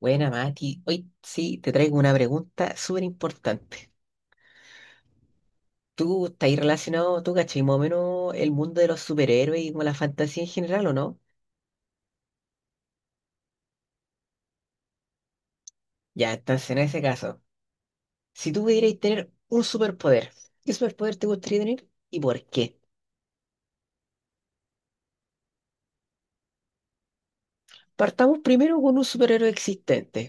Buena, Mati. Hoy sí, te traigo una pregunta súper importante. ¿Tú estás ahí relacionado, tú cachai, más o menos el mundo de los superhéroes y con la fantasía en general o no? Ya, entonces en ese caso, si tú pudierais tener un superpoder, ¿qué superpoder te gustaría tener y por qué? Partamos primero con un superhéroe existente.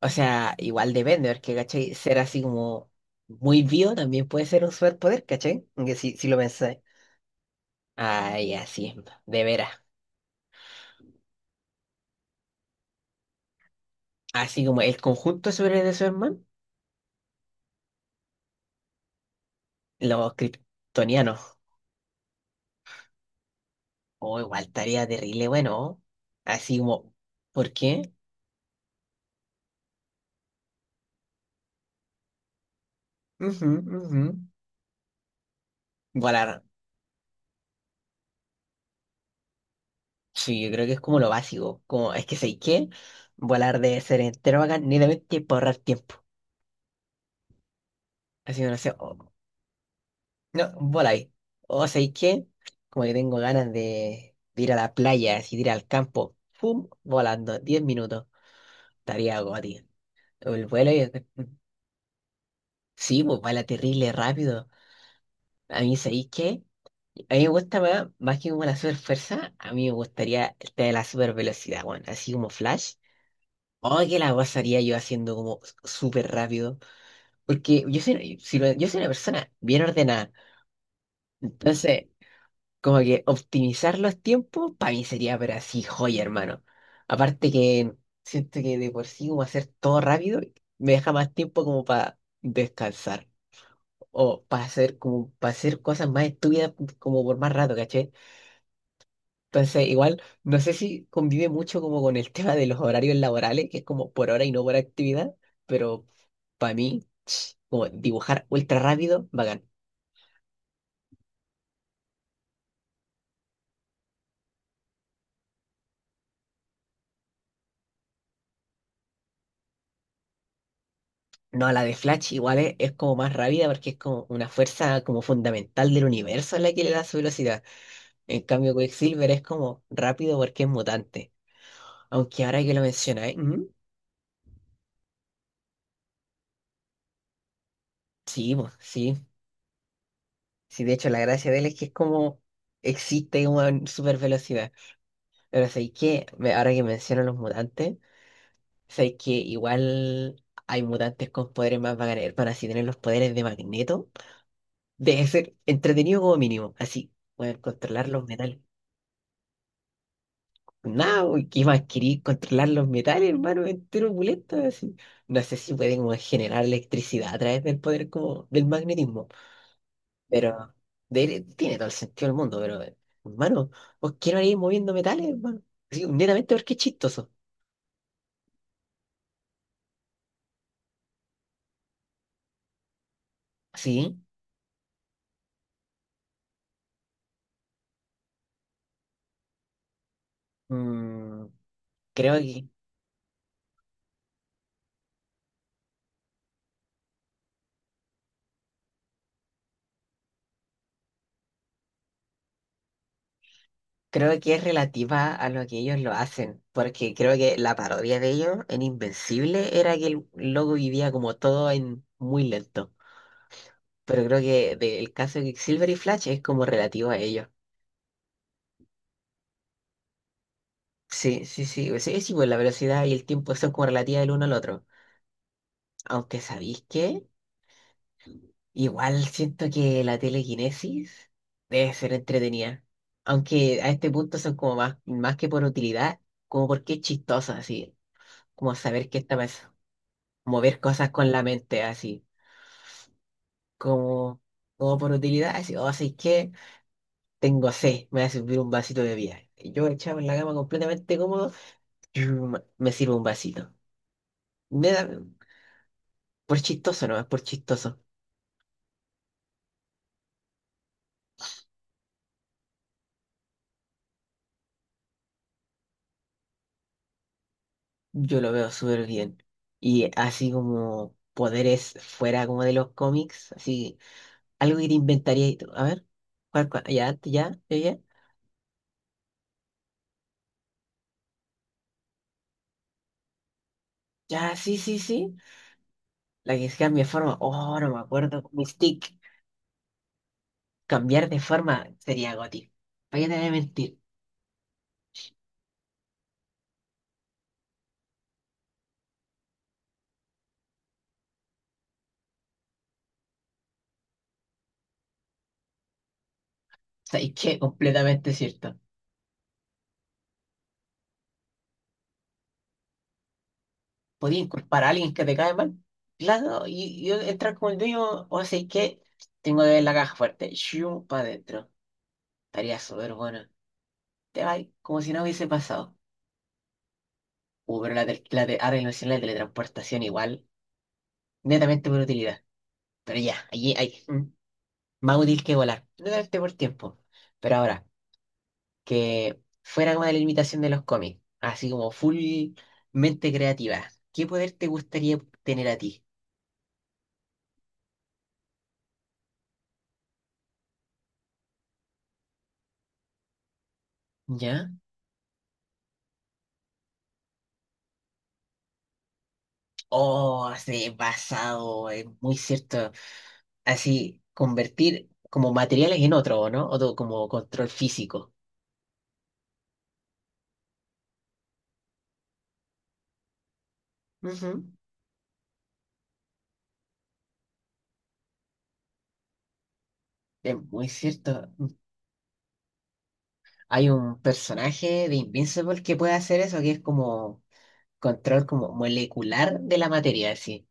O sea, igual depende, porque, cachai, ser así como muy vivo también puede ser un superpoder, cachai, que si, si lo pensáis. Ay, así es, de veras. Así como el conjunto de superhéroes de Superman. Los kryptonianos. O igual estaría terrible, bueno. Así como, ¿por qué? Ujú, ujú. Volar. Sí, yo creo que es como lo básico. Como, es que sé qué. Volar debe ser entero bacán, netamente para ahorrar tiempo. Así que no sé, no, voláis. O sé qué. Como que tengo ganas de ir a la playa, así de ir al campo. ¡Pum! Volando, 10 minutos. Estaría goti. El vuelo y... Sí, pues vuela terrible rápido. A mí, ¿sabéis qué? A mí me gusta más, más que como la super fuerza, a mí me gustaría el tema de la super velocidad, weón, así como Flash. O que la pasaría yo haciendo como súper rápido. Porque yo soy, si lo- yo soy una persona bien ordenada. Entonces, como que optimizar los tiempos, para mí sería, pero así, joya, hermano. Aparte que siento que de por sí como hacer todo rápido, me deja más tiempo como para descansar. O para hacer como para hacer cosas más estúpidas como por más rato, caché. Entonces, igual, no sé si convive mucho como con el tema de los horarios laborales, que es como por hora y no por actividad, pero para mí, ch, como dibujar ultra rápido, bacán. No, la de Flash igual es como más rápida porque es como una fuerza como fundamental del universo la que le da su velocidad. En cambio, Quicksilver es como rápido porque es mutante. Aunque ahora que lo mencionáis, mm. Sí, po, sí. Sí, de hecho, la gracia de él es que es como existe una super velocidad. Pero sé que ahora que menciono los mutantes. Sabéis que igual hay mutantes con poderes más bacanes, para así tener los poderes de Magneto debe ser entretenido como mínimo. Así, poder controlar los metales. Nada, uy, ¿qué más querí? Controlar los metales, hermano, entero opulento, así. No sé si pueden como generar electricidad a través del poder como del magnetismo, pero tiene todo el sentido del mundo, pero hermano, vos quiero ir moviendo metales, hermano. Así, netamente porque es chistoso. Sí, mm, creo que creo que es relativa a lo que ellos lo hacen, porque creo que la parodia de ellos en Invencible era que el loco vivía como todo en muy lento. Pero creo que del caso de Silver y Flash es como relativo a ellos. Sí, sí, sí, pues la velocidad y el tiempo son como relativas del uno al otro. Aunque sabéis que igual siento que la telequinesis debe ser entretenida. Aunque a este punto son como más, más que por utilidad, como porque es chistosa, así, como saber qué está pasando. Mover cosas con la mente, así, como, como por utilidad, así, o así que tengo sed, me voy a servir un vasito de bebida. Y yo echado en la cama completamente cómodo, chum, me sirvo un vasito. Me da, por chistoso no, es por chistoso. Yo lo veo súper bien. Y así como poderes fuera como de los cómics, así, algo que te inventaría y tú, a ver, ¿cuál, cuál? Ya, antes, ya, ya, ya, ya, sí, sí, sí. La que cambia de forma, oh, no me acuerdo, Mystique. Cambiar de forma sería Goti. ¿Para qué te voy a mentir? ¿Sabes qué? Completamente cierto. Podía inculpar a alguien que te cae mal. Claro, y yo entrar como el dueño, o sea, que tengo que ver la caja fuerte. Shum para adentro. Estaría súper bueno. Te vas como si no hubiese pasado. Pero la, tel- la, te- ahora ilusión la teletransportación igual, netamente por utilidad. Pero ya, allí hay mm, más útil que volar. Netamente por tiempo. Pero ahora que fuera como de la limitación de los cómics, así como full mente creativa. ¿Qué poder te gustaría tener a ti? ¿Ya? Oh, sí, basado, es muy cierto. Así, convertir como materiales en otro, ¿no? Otro como control físico. Ujú. Es muy cierto. Hay un personaje de Invincible que puede hacer eso, que es como control como molecular de la materia, así.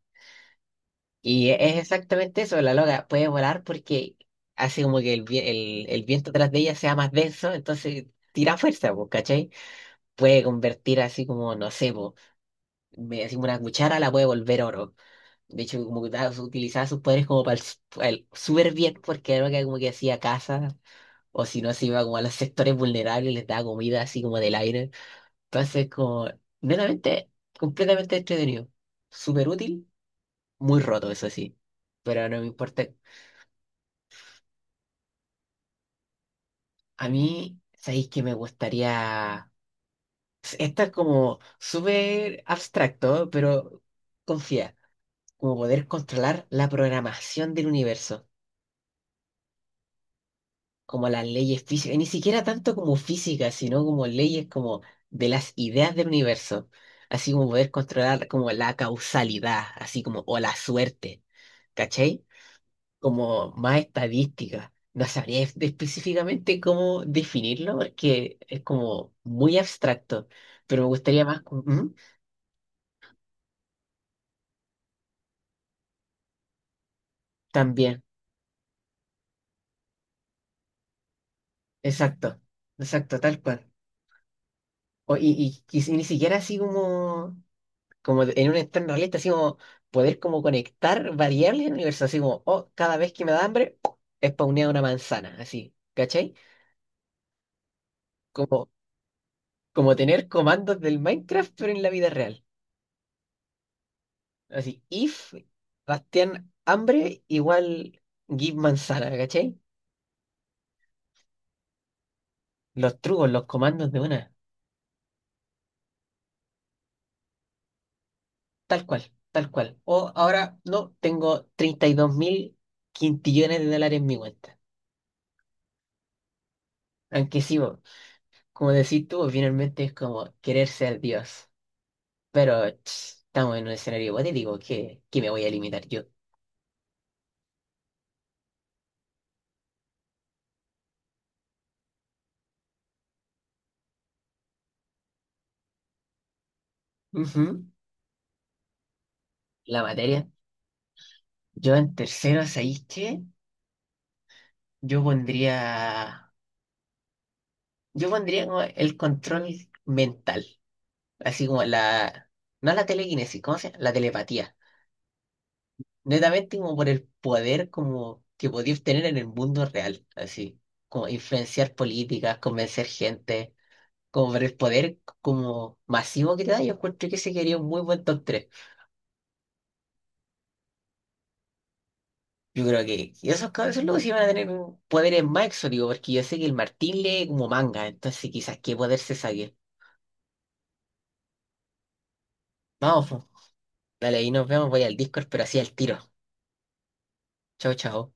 Y es exactamente eso, la loca puede volar porque hace como que el viento atrás de ella sea más denso, entonces tira fuerza, pues, ¿cachai? Puede convertir así como, no sé, po, me decimos una cuchara, la puede volver oro. De hecho, como que utilizaba sus poderes como para pa' el súper bien, porque era que como que hacía casa, o si no, se iba como a los sectores vulnerables, les daba comida así como del aire. Entonces, como, netamente, completamente entretenido. Súper útil, muy roto, eso sí. Pero no me importa. A mí, sabéis que me gustaría. Está como súper abstracto, pero confía, como poder controlar la programación del universo, como las leyes físicas, y ni siquiera tanto como física, sino como leyes como de las ideas del universo, así como poder controlar como la causalidad, así como o la suerte, ¿cachai? Como más estadística. No sabría específicamente cómo definirlo porque es como muy abstracto, pero me gustaría más como... ¿Mm? También, exacto, exacto, tal cual. O- y ni siquiera así como, como en un entorno realista, así como poder como conectar variables en el universo, así como, oh, cada vez que me da hambre, spawnea una manzana, así, ¿cachai? Como, como tener comandos del Minecraft, pero en la vida real. Así, if Bastián hambre igual give manzana, ¿cachai? Los trucos, los comandos de una, tal cual, tal cual. O ahora, no, tengo 32.000 quintillones de dólares en mi cuenta. Aunque sí, vos, como decís tú, finalmente es como querer ser Dios. Pero ch, estamos en un escenario hipotético que, me voy a limitar yo. Ujú. La materia. Yo en tercero, ¿sabéis qué? Yo pondría, yo pondría como el control mental. Así como la... No la telequinesis, ¿cómo se llama? La telepatía. Netamente como por el poder como que podía obtener en el mundo real, así. Como influenciar políticas, convencer gente. Como por el poder como masivo que te da, yo encuentro que ese quería un muy buen top 3. Yo creo que y esos cabezos locos sí van a tener poderes más exóticos, porque yo sé que el Martín lee como manga, entonces quizás qué poder se saque. Vamos, po. Dale, ahí nos vemos, voy al Discord, pero así al tiro. Chao, chao.